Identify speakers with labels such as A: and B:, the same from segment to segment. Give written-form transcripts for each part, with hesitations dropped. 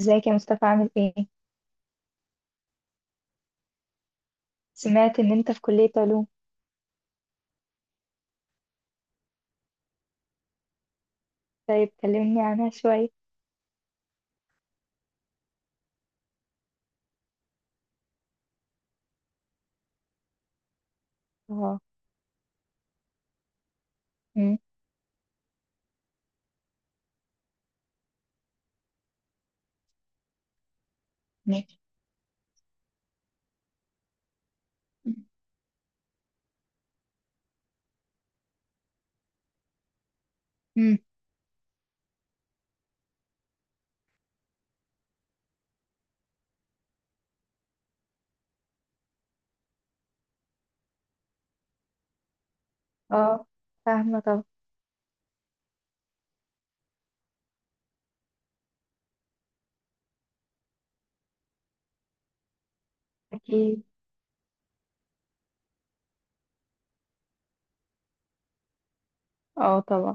A: ازيك يا مصطفى عامل ايه؟ سمعت ان انت في كلية علوم. طيب كلمني عنها شوية. اه. مم. ماشي. مم. اه، فاهمة طبعا. اكيد. اه طبعا.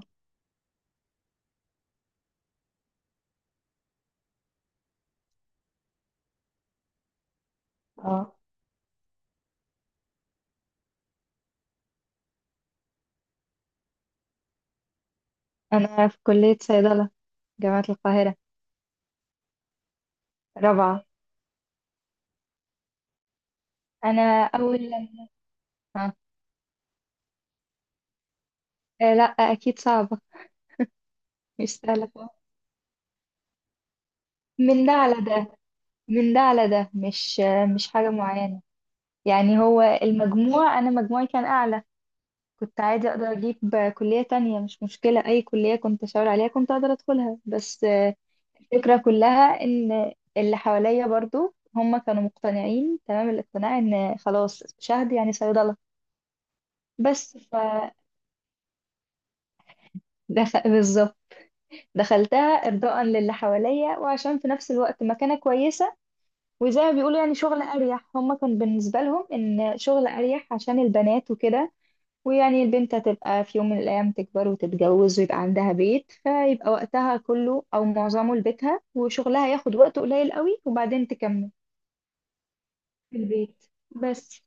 A: اه، انا في كلية صيدلة، جامعة القاهرة. رابعة. انا اول لما آه. آه لا اكيد صعبة. مش سهلة خالص. من ده على ده، من ده على ده مش مش حاجة معينة. يعني هو المجموع، انا مجموعي كان اعلى. كنت عادي اقدر اجيب كلية تانية، مش مشكلة. اي كلية كنت اشاور عليها كنت اقدر ادخلها. بس الفكرة كلها ان اللي حواليا برضو هم كانوا مقتنعين تمام الاقتناع ان خلاص شهد يعني صيدلة. بس ف بالظبط، دخلتها ارضاء للي حواليا، وعشان في نفس الوقت مكانة كويسة. وزي ما بيقولوا يعني شغل اريح، هم كان بالنسبة لهم ان شغل اريح عشان البنات وكده. ويعني البنت هتبقى في يوم من الأيام تكبر وتتجوز ويبقى عندها بيت، فيبقى وقتها كله أو معظمه لبيتها، وشغلها ياخد وقت قليل قوي، وبعدين تكمل في البيت. بس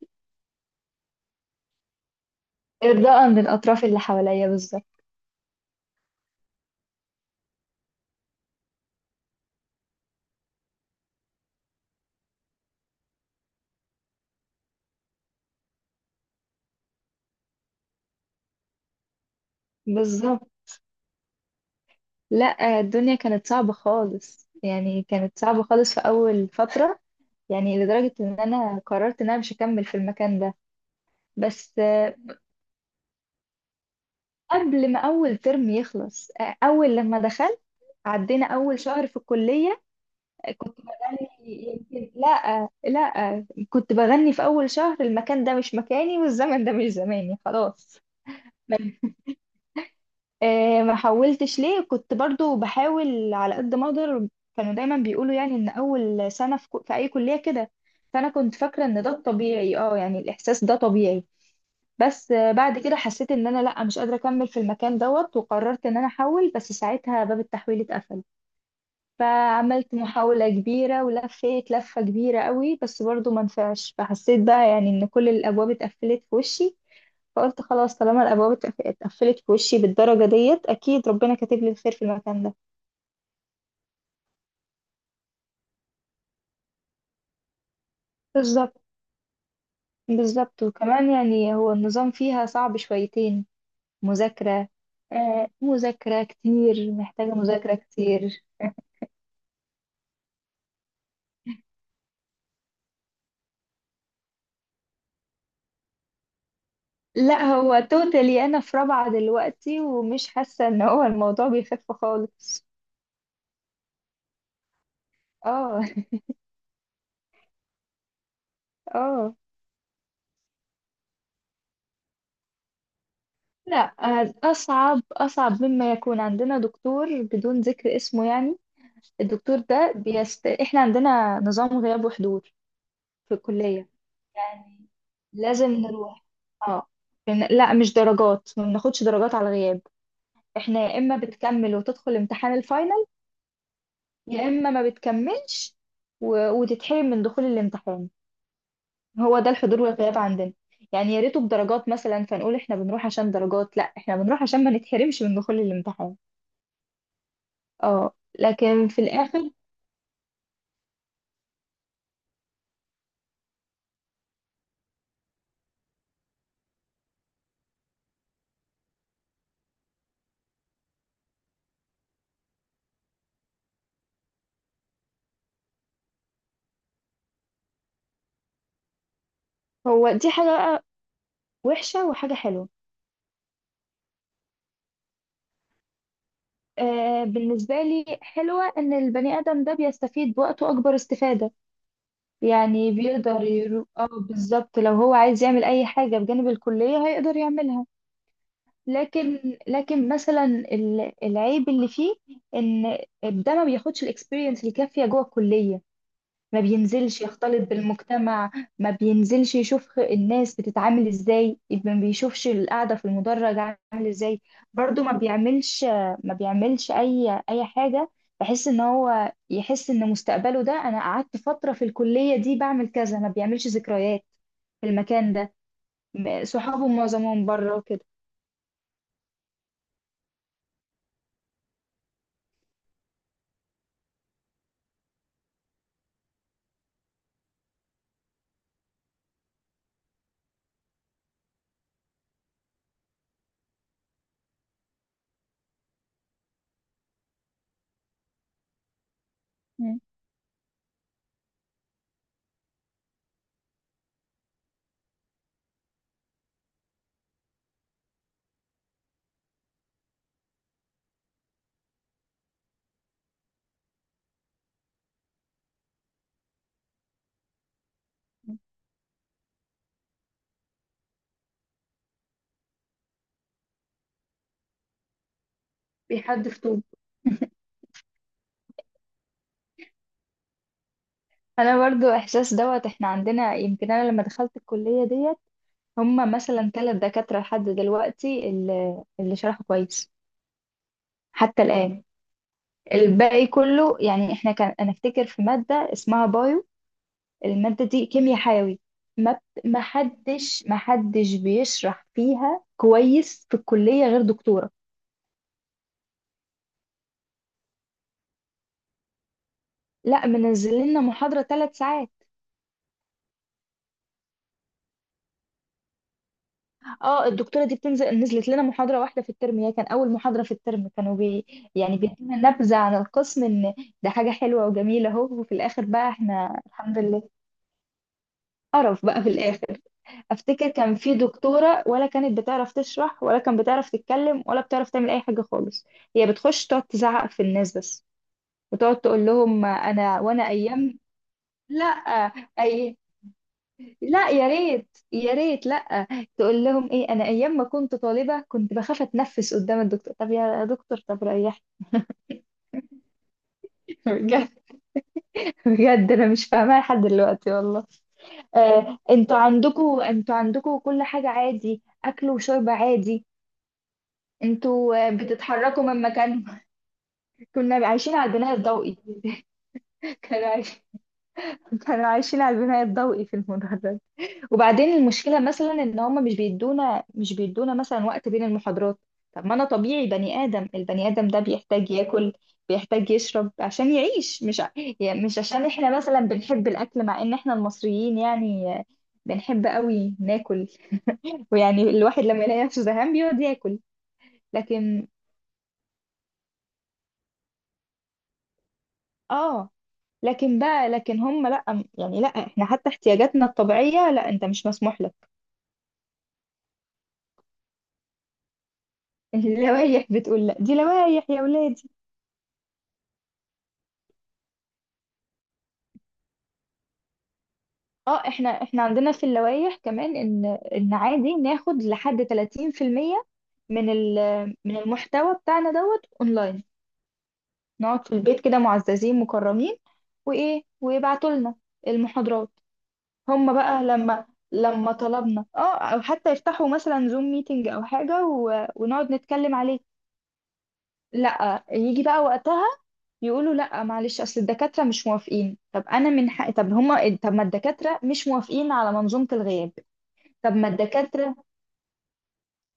A: إرضاء للأطراف اللي حواليا بالظبط. بالظبط. لا، الدنيا كانت صعبة خالص، يعني كانت صعبة خالص في أول فترة. يعني لدرجة إن أنا قررت إن أنا مش هكمل في المكان ده. بس قبل ما أول ترم يخلص، أول لما دخلت، عدينا أول شهر في الكلية، كنت بغني. يمكن لا كنت بغني في أول شهر، المكان ده مش مكاني والزمن ده مش زماني، خلاص. ما حولتش ليه، كنت برضو بحاول على قد ما أقدر. كانوا دايما بيقولوا يعني إن أول سنة في أي كلية كده. فأنا كنت فاكرة إن ده الطبيعي، اه يعني الإحساس ده طبيعي. بس بعد كده حسيت إن أنا لا مش قادرة أكمل في المكان دوت، وقررت إن أنا أحول، بس ساعتها باب التحويل اتقفل. فعملت محاولة كبيرة ولفيت لفة كبيرة قوي، بس برضو ما نفعش. فحسيت بقى يعني ان كل الابواب اتقفلت في وشي. فقلت خلاص، طالما اتقفلت في وشي بالدرجة ديت، اكيد ربنا كاتب لي الخير في المكان ده. بالظبط. بالظبط. وكمان يعني هو النظام فيها صعب شويتين. مذاكرة. آه مذاكرة كتير، محتاجة مذاكرة كتير. لا هو توتالي، انا في رابعة دلوقتي ومش حاسة ان هو الموضوع بيخف خالص. اه. اه. لا أصعب، أصعب مما يكون. عندنا دكتور بدون ذكر اسمه يعني، الدكتور ده إحنا عندنا نظام غياب وحضور في الكلية، يعني لازم نروح. اه. لا مش درجات، ما بناخدش درجات على الغياب. إحنا يا إما بتكمل وتدخل امتحان الفاينل، يا إما ما بتكملش وتتحرم من دخول الامتحان. هو ده الحضور والغياب عندنا. يعني يا ريته بدرجات مثلا فنقول إحنا بنروح عشان درجات، لا إحنا بنروح عشان ما نتحرمش من دخول الامتحان. اه. لكن في الاخر. هو دي حاجه بقى وحشه وحاجه حلوه. آه بالنسبه لي حلوه ان البني ادم ده بيستفيد بوقته اكبر استفاده. يعني اه بالظبط، لو هو عايز يعمل اي حاجه بجانب الكليه هيقدر يعملها. لكن، مثلا العيب اللي فيه، ان ده ما بياخدش الاكسبيرينس الكافيه جوه الكليه. ما بينزلش يختلط بالمجتمع، ما بينزلش يشوف الناس بتتعامل ازاي، ما بيشوفش القعدة في المدرج عامل ازاي. برضو ما بيعملش، ما بيعملش اي حاجة. بحس ان هو يحس ان مستقبله ده، انا قعدت فترة في الكلية دي بعمل كذا، ما بيعملش ذكريات في المكان ده. صحابه معظمهم بره وكده. مم. بيحدف طوب. انا برضو احساس دوت. احنا عندنا يمكن، انا لما دخلت الكلية ديت، هم مثلا ثلاث دكاترة لحد دلوقتي اللي شرحوا كويس. حتى الآن. الباقي كله يعني. احنا كان، انا افتكر في مادة اسمها بايو، المادة دي كيمياء حيوي، ما حدش بيشرح فيها كويس في الكلية غير دكتورة. لا منزل لنا محاضرة ثلاث ساعات. اه الدكتورة دي بتنزل، نزلت لنا محاضرة واحدة في الترم، هي كان أول محاضرة في الترم، كانوا بي يعني بيدينا نبذة عن القسم، إن ده حاجة حلوة وجميلة أهو، وفي الآخر بقى إحنا الحمد لله قرف بقى في الاخر. افتكر كان في دكتوره، ولا كانت بتعرف تشرح ولا كانت بتعرف تتكلم ولا بتعرف تعمل اي حاجه خالص. هي بتخش تقعد تزعق في الناس بس، وتقعد تقول لهم انا، وانا ايام. لا. اي. لا يا ريت يا ريت لا. تقول لهم ايه، انا ايام ما كنت طالبه كنت بخاف اتنفس قدام الدكتور. طب يا دكتور طب ريحني. بجد. بجد انا مش فاهماها لحد دلوقتي والله. آه، انتوا عندكوا كل حاجه عادي، اكل وشرب عادي، انتوا بتتحركوا من مكانكم. كنا عايشين على البناء الضوئي. كانوا عايشين، كانوا عايشين على البناء الضوئي في المدرج. وبعدين المشكلة مثلا ان هم مش بيدونا مثلا وقت بين المحاضرات. طب ما انا طبيعي، بني آدم، البني آدم ده بيحتاج ياكل، بيحتاج يشرب عشان يعيش. مش ع- يعني مش عشان احنا مثلا بنحب الاكل، مع ان احنا المصريين يعني بنحب قوي ناكل، ويعني الواحد لما يلاقي نفسه زهقان بيقعد ياكل. لكن اه، لكن هم لا. يعني لا، احنا حتى احتياجاتنا الطبيعية، لا انت مش مسموح لك. اللوايح بتقول لا، دي لوايح يا ولادي. اه، احنا عندنا في اللوايح كمان ان، عادي ناخد لحد 30% من من المحتوى بتاعنا دوت اونلاين. نقعد في البيت كده معززين مكرمين، وايه، ويبعتوا لنا المحاضرات. هم بقى لما، لما طلبنا اه او حتى يفتحوا مثلا زوم ميتنج او حاجة ونقعد نتكلم عليه، لا يجي بقى وقتها يقولوا لا معلش اصل الدكاتره مش موافقين. طب انا من حق، طب هما، طب ما الدكاتره مش موافقين على منظومه الغياب. طب ما الدكاتره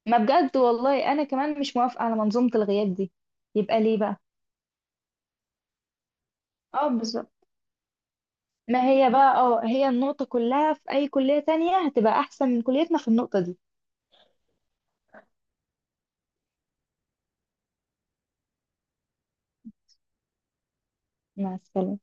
A: ما بجد والله انا كمان مش موافقه على منظومه الغياب دي، يبقى ليه بقى. اه بالظبط. ما هي بقى اه هي النقطه كلها، في اي كليه تانية هتبقى احسن من كليتنا في النقطه دي. مع السلامه.